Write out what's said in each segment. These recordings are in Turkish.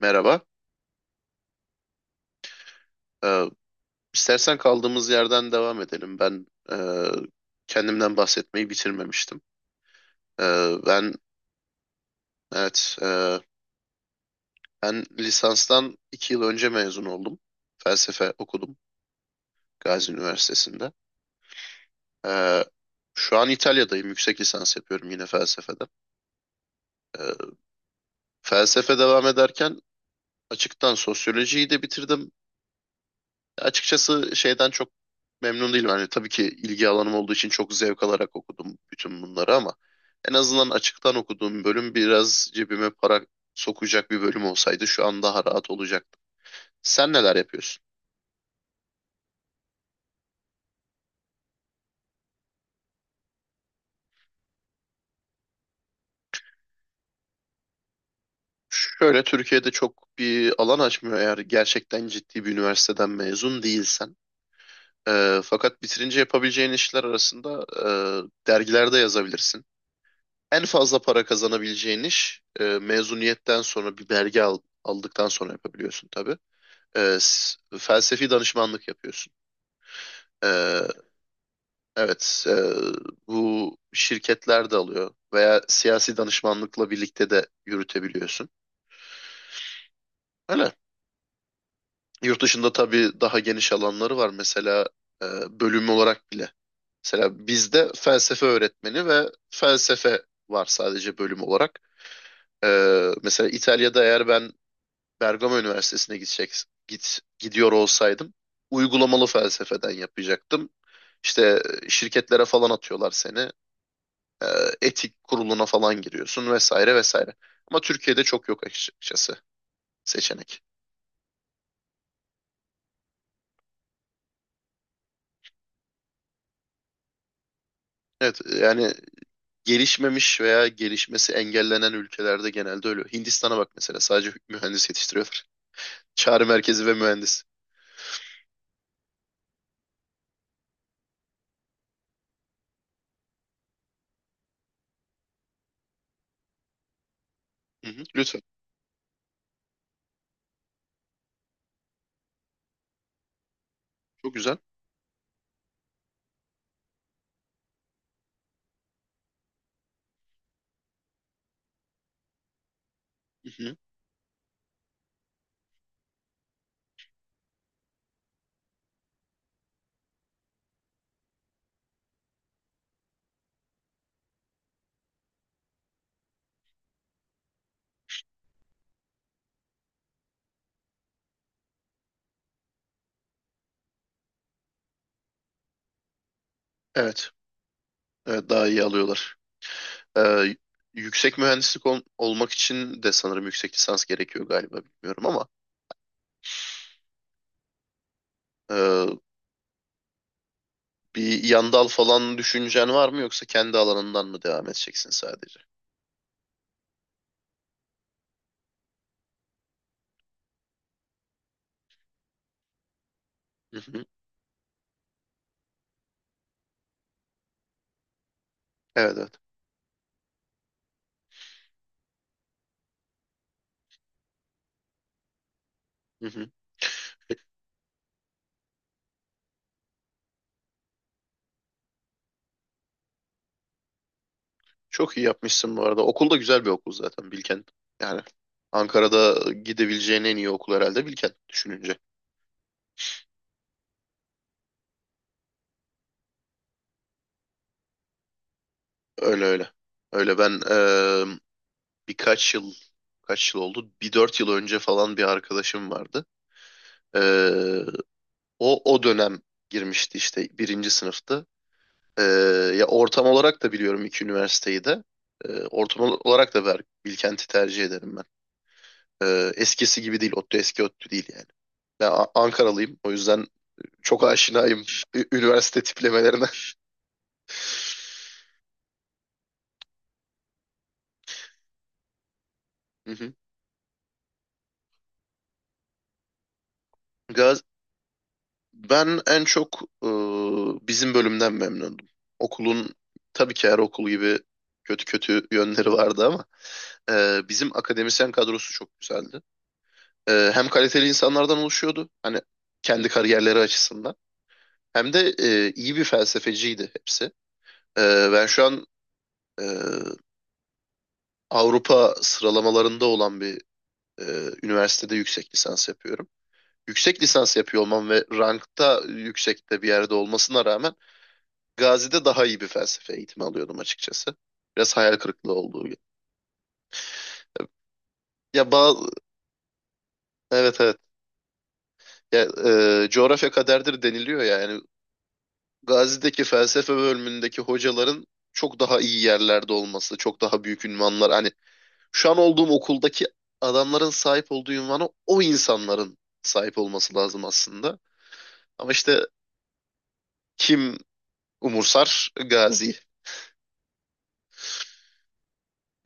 Merhaba. Ee, istersen kaldığımız yerden devam edelim. Ben e, kendimden bahsetmeyi bitirmemiştim. Ben evet Ben lisanstan 2 yıl önce mezun oldum. Felsefe okudum Gazi Üniversitesi'nde. Ee, Şu an İtalya'dayım. Yüksek lisans yapıyorum yine felsefeden. Ee, Felsefe devam ederken açıktan sosyolojiyi de bitirdim. Açıkçası şeyden çok memnun değilim. Yani tabii ki ilgi alanım olduğu için çok zevk alarak okudum bütün bunları ama en azından açıktan okuduğum bölüm biraz cebime para sokacak bir bölüm olsaydı şu an daha rahat olacaktı. Sen neler yapıyorsun? Şöyle Türkiye'de çok bir alan açmıyor eğer gerçekten ciddi bir üniversiteden mezun değilsen. Fakat bitirince yapabileceğin işler arasında dergilerde yazabilirsin. En fazla para kazanabileceğin iş mezuniyetten sonra bir belge aldıktan sonra yapabiliyorsun tabii. Felsefi danışmanlık yapıyorsun. E, evet, bu şirketler de alıyor veya siyasi danışmanlıkla birlikte de yürütebiliyorsun. Öyle. Yurt dışında tabii daha geniş alanları var. Mesela e, bölüm olarak bile. Mesela bizde felsefe öğretmeni ve felsefe var sadece bölüm olarak. E, Mesela İtalya'da eğer ben Bergama Üniversitesi'ne gidiyor olsaydım uygulamalı felsefeden yapacaktım. İşte şirketlere falan atıyorlar seni. E, Etik kuruluna falan giriyorsun vesaire vesaire. Ama Türkiye'de çok yok açıkçası seçenek. Evet yani gelişmemiş veya gelişmesi engellenen ülkelerde genelde öyle. Hindistan'a bak mesela sadece mühendis yetiştiriyorlar. Çağrı merkezi ve mühendis. Hı hı, lütfen. Çok güzel. Hı hı. Evet. Evet daha iyi alıyorlar. Ee, Yüksek mühendislik olmak için de sanırım yüksek lisans gerekiyor galiba bilmiyorum ama ee, bir yan dal falan düşüncen var mı yoksa kendi alanından mı devam edeceksin sadece? Hı hı. Evet evet. Hı hı. Çok iyi yapmışsın bu arada. Okul da güzel bir okul zaten Bilkent. Yani Ankara'da gidebileceğin en iyi okul herhalde Bilkent düşününce. Öyle öyle. Öyle ben birkaç yıl kaç yıl oldu? Bir 4 yıl önce falan bir arkadaşım vardı. E, o dönem girmişti işte birinci sınıftı. Ee, Ya ortam olarak da biliyorum iki üniversiteyi de. Ortam olarak da Bilkent'i tercih ederim ben. Eskisi gibi değil, ODTÜ eski ODTÜ değil yani. Ben Ankaralıyım o yüzden çok aşinayım üniversite tiplemelerine. Hı hı. Gaz Ben en çok bizim bölümden memnundum. Okulun tabii ki her okul gibi kötü kötü yönleri vardı ama bizim akademisyen kadrosu çok güzeldi. Hem kaliteli insanlardan oluşuyordu hani kendi kariyerleri açısından hem de iyi bir felsefeciydi hepsi. Ben şu an e, Avrupa sıralamalarında olan bir e, üniversitede yüksek lisans yapıyorum. Yüksek lisans yapıyor olmam ve rankta yüksekte bir yerde olmasına rağmen Gazi'de daha iyi bir felsefe eğitimi alıyordum açıkçası. Biraz hayal kırıklığı olduğu gibi. Ya evet evet ya, coğrafya kaderdir deniliyor ya, yani Gazi'deki felsefe bölümündeki hocaların çok daha iyi yerlerde olması, çok daha büyük ünvanlar. Hani şu an olduğum okuldaki adamların sahip olduğu ünvana o insanların sahip olması lazım aslında. Ama işte kim umursar? Gazi.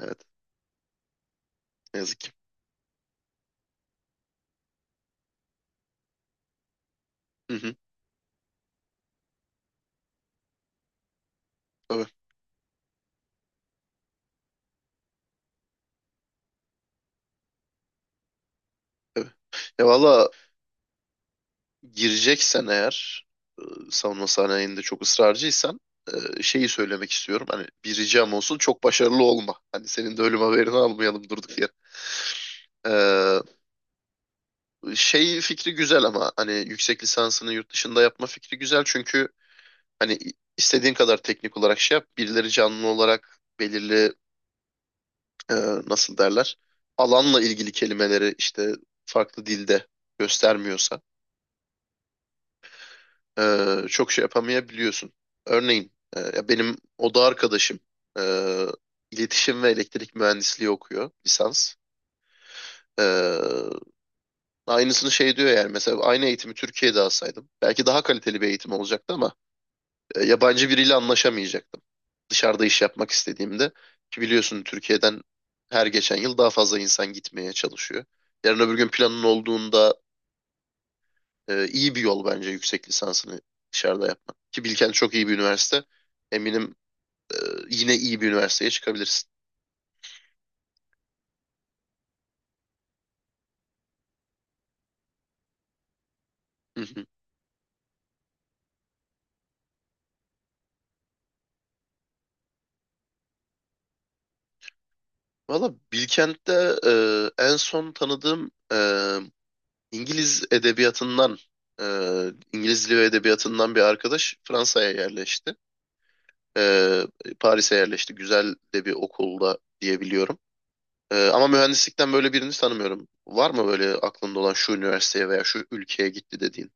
Evet, ne yazık ki. Hı hı, evet, evet. Ya valla gireceksen eğer e, savunma sanayinde çok ısrarcıysan şeyi söylemek istiyorum. Hani bir ricam olsun çok başarılı olma. Hani senin de ölüm haberini almayalım durduk yere. Ee, Şey fikri güzel ama hani yüksek lisansını yurt dışında yapma fikri güzel çünkü hani istediğin kadar teknik olarak şey yap birileri canlı olarak belirli e, nasıl derler alanla ilgili kelimeleri işte farklı dilde göstermiyorsa çok şey yapamayabiliyorsun. Örneğin ya benim oda arkadaşım e, iletişim ve elektrik mühendisliği okuyor lisans. E, Aynısını şey diyor yani mesela aynı eğitimi Türkiye'de alsaydım belki daha kaliteli bir eğitim olacaktı ama yabancı biriyle anlaşamayacaktım. Dışarıda iş yapmak istediğimde ki biliyorsun Türkiye'den her geçen yıl daha fazla insan gitmeye çalışıyor. Yarın öbür gün planın olduğunda iyi bir yol bence yüksek lisansını dışarıda yapmak. Ki Bilkent çok iyi bir üniversite. Eminim yine iyi bir üniversiteye çıkabilirsin. Hı hı. Valla Bilkent'te e, en son tanıdığım İngiliz edebiyatından, e, İngiliz dili ve edebiyatından bir arkadaş Fransa'ya yerleşti. E, Paris'e yerleşti. Güzel de bir okulda diyebiliyorum. Ama mühendislikten böyle birini tanımıyorum. Var mı böyle aklında olan şu üniversiteye veya şu ülkeye gitti dediğin?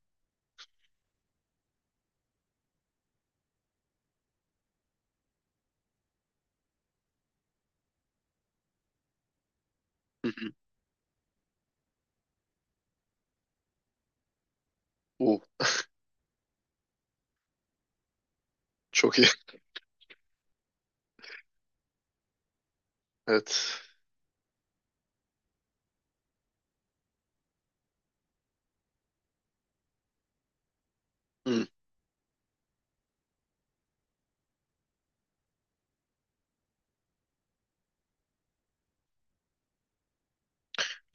Hı hı. Uh, Çok iyi. Evet. Hı.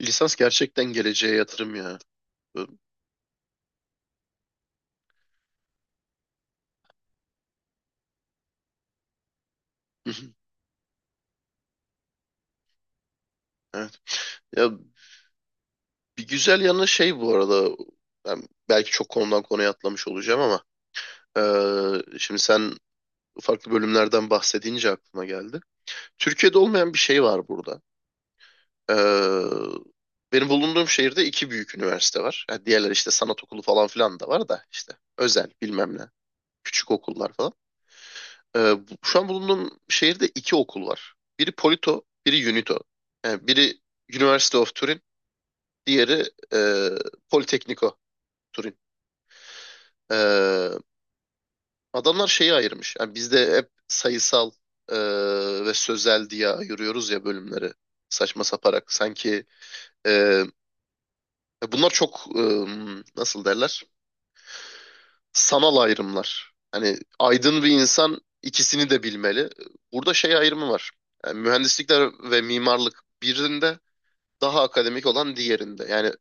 Lisans gerçekten geleceğe yatırım ya. Ö- Evet. Ya bir güzel yanı şey bu arada ben belki çok konudan konuya atlamış olacağım ama şimdi sen farklı bölümlerden bahsedince aklıma geldi. Türkiye'de olmayan bir şey var burada. Eee, Benim bulunduğum şehirde iki büyük üniversite var. Ha, diğerleri işte sanat okulu falan filan da var da işte özel bilmem ne küçük okullar falan. Şu an bulunduğum şehirde iki okul var. Biri Polito, biri Unito. Yani biri University of Turin, diğeri e, Politecnico Turin. Ee, Adamlar şeyi ayırmış. Yani bizde hep sayısal e, ve sözel diye ayırıyoruz ya bölümleri. Saçma saparak. Sanki e, bunlar çok nasıl derler? Sanal ayrımlar. Hani aydın bir insan ikisini de bilmeli. Burada şey ayrımı var. Yani mühendislikler ve mimarlık birinde daha akademik olan diğerinde. Yani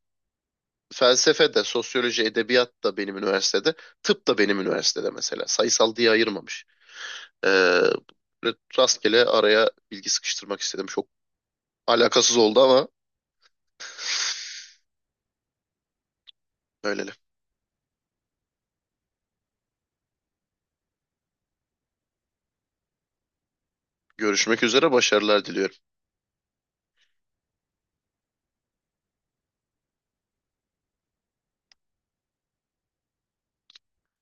felsefe de, sosyoloji, edebiyat da benim üniversitede, tıp da benim üniversitede mesela. Sayısal diye ayırmamış. Ee, Böyle rastgele araya bilgi sıkıştırmak istedim. Çok alakasız oldu ama öyleli. Görüşmek üzere, başarılar diliyorum.